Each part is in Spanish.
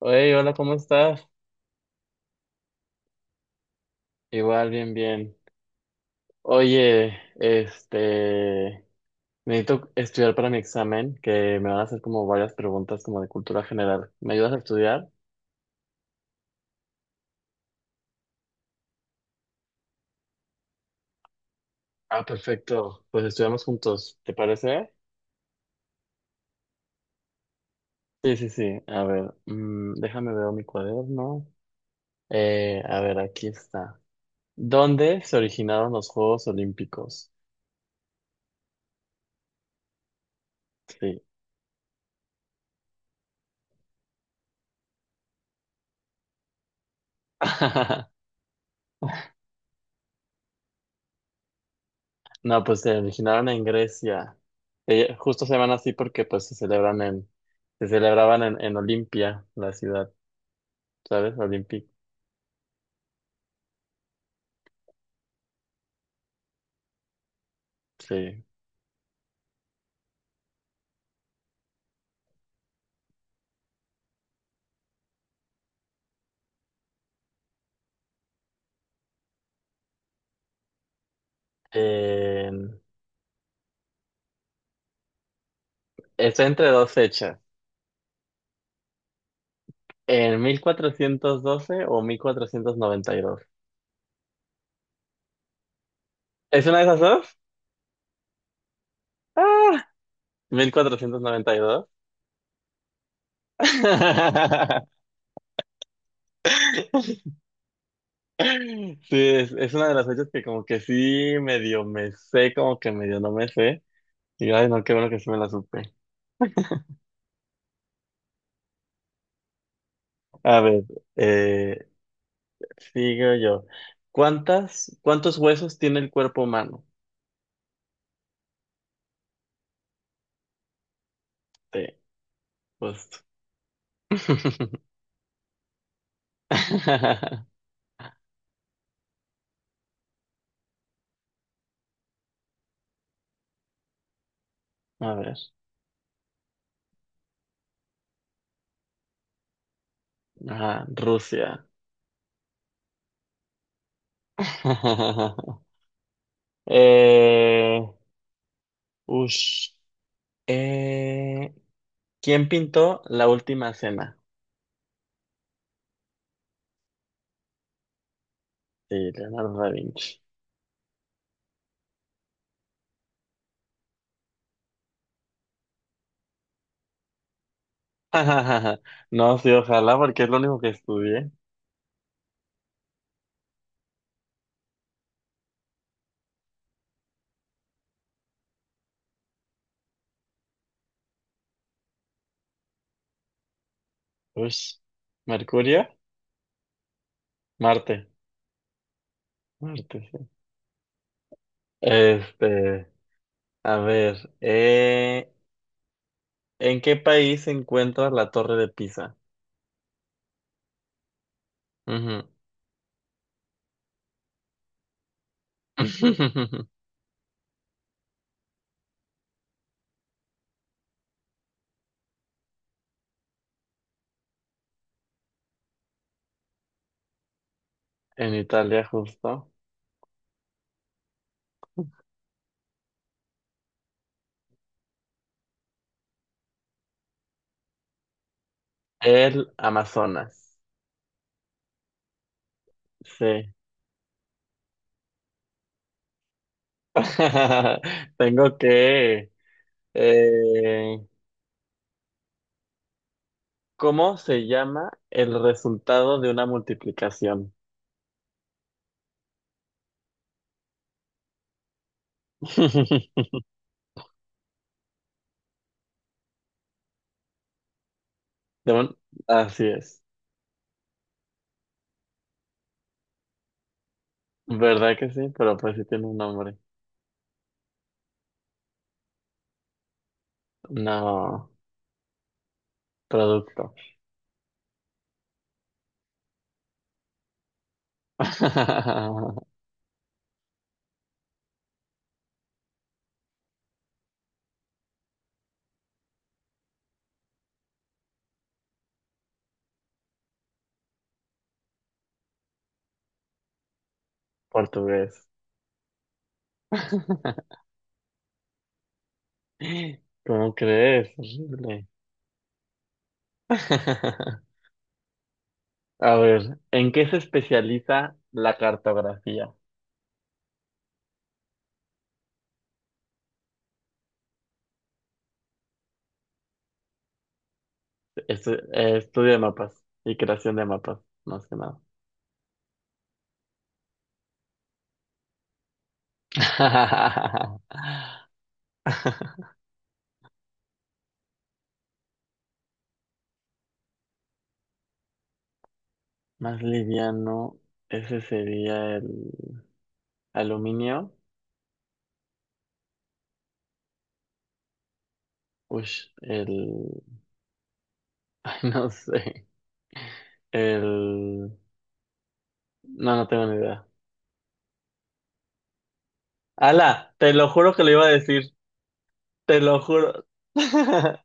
Oye, hola, ¿cómo estás? Igual, bien, bien. Oye, necesito estudiar para mi examen, que me van a hacer como varias preguntas como de cultura general. ¿Me ayudas a estudiar? Ah, perfecto. Pues estudiamos juntos, ¿te parece? Sí, sí, sí. A ver, déjame ver mi cuaderno. A ver, aquí está. ¿Dónde se originaron los Juegos Olímpicos? Sí. No, pues se originaron en Grecia. Justo se llaman así porque se celebraban en Olimpia, la ciudad, ¿sabes? Olympic, sí. En- Está entre dos fechas, en 1412 o 1492. ¿Es una de esas dos? ¡Ah! 1492. Sí, es una de las fechas que como que sí medio me sé, como que medio no me sé. Y ay, no, qué bueno que sí me la supe. A ver, eh, sigo yo. ¿Cuántos huesos tiene el cuerpo humano? Sí, justo. A ver. Ajá, Rusia. Eh, ush. Eh, ¿Quién pintó la última cena? Sí, Leonardo da Vinci. No, sí, ojalá, porque es lo único que estudié. Ush. ¿Mercurio? Marte. Marte, sí. Este, a ver. ¿En qué país se encuentra la Torre de Pisa? Ujú. En Italia, justo. El Amazonas. Sí. Tengo que... eh, ¿cómo se llama el resultado de una multiplicación? De un- Así es. ¿Verdad que sí? Pero pues sí tiene un nombre. No, producto. Portugués. ¿Cómo crees? Horrible. A ver, ¿en qué se especializa la cartografía? Estudio de mapas y creación de mapas, más que nada. Más liviano, ese sería el aluminio. Ush, el... ay, no sé. El... No, no tengo ni idea. Ala, te lo juro que lo iba a decir. Te lo juro.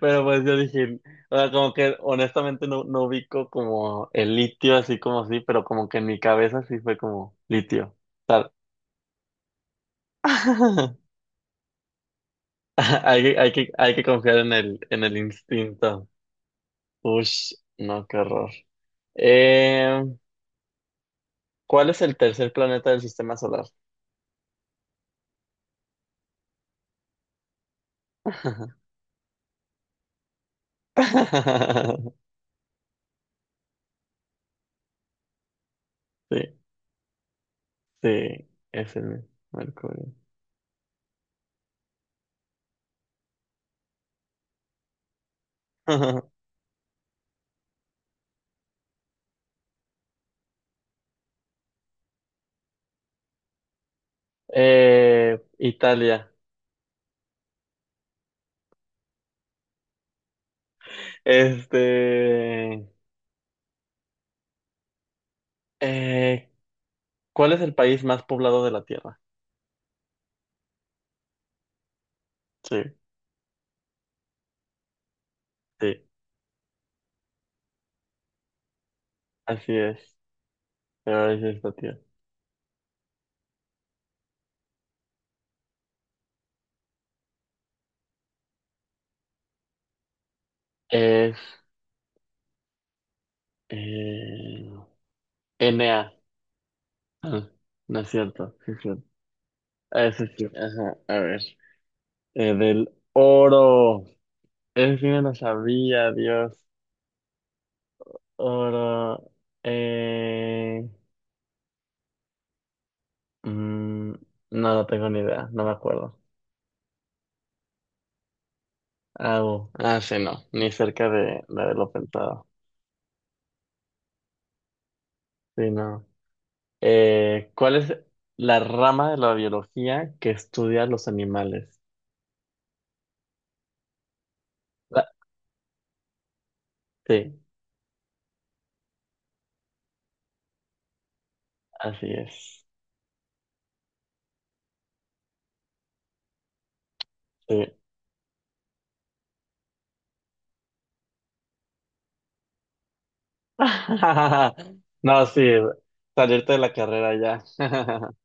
Pero pues yo dije, o sea, como que honestamente no ubico como el litio así como así, pero como que en mi cabeza sí fue como litio, tal. Hay que, hay que confiar en en el instinto. Ush, no, qué horror. Eh, ¿Cuál es el tercer planeta del sistema solar? Sí, sí, es el Mercurio. Italia. Este, eh, ¿Cuál es el país más poblado de la Tierra? Sí, sí, así es. Pero es esta, tío. Es eh, Enea. Ah, no es cierto, sí es cierto. Ah, eso sí, ajá, a ver. Del oro. Eso sí me lo sabía, Dios. Oro. Eh, mm, no, no tengo ni idea, no me acuerdo. Ah, ah, sí, no, ni cerca de la de lo pensado. Sí, no. ¿Cuál es la rama de la biología que estudia los animales? La- sí, así es. Sí. No, sí, salirte de la carrera ya.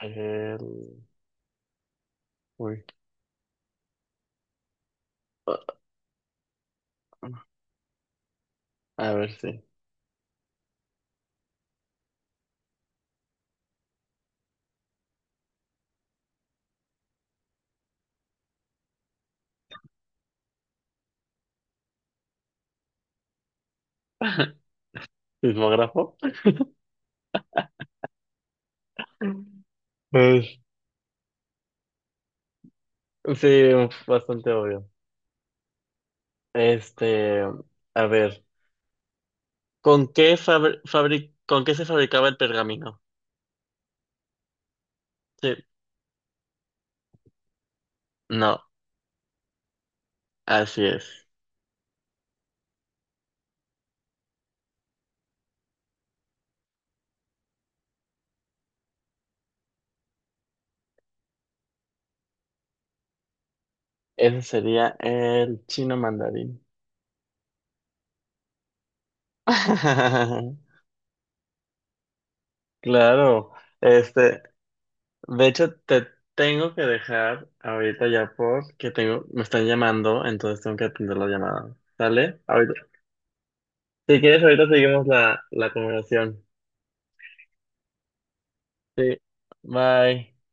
El- uy, a ver, sí. ¿Sismógrafo? Es- Sí, bastante obvio. Este, a ver, ¿con qué con qué se fabricaba el pergamino? Sí, no, así es. Ese sería el chino mandarín. Claro, este, de hecho te tengo que dejar ahorita ya porque tengo, me están llamando, entonces tengo que atender la llamada. ¿Sale? Ahorita, si quieres, ahorita seguimos la conversación. Sí, bye.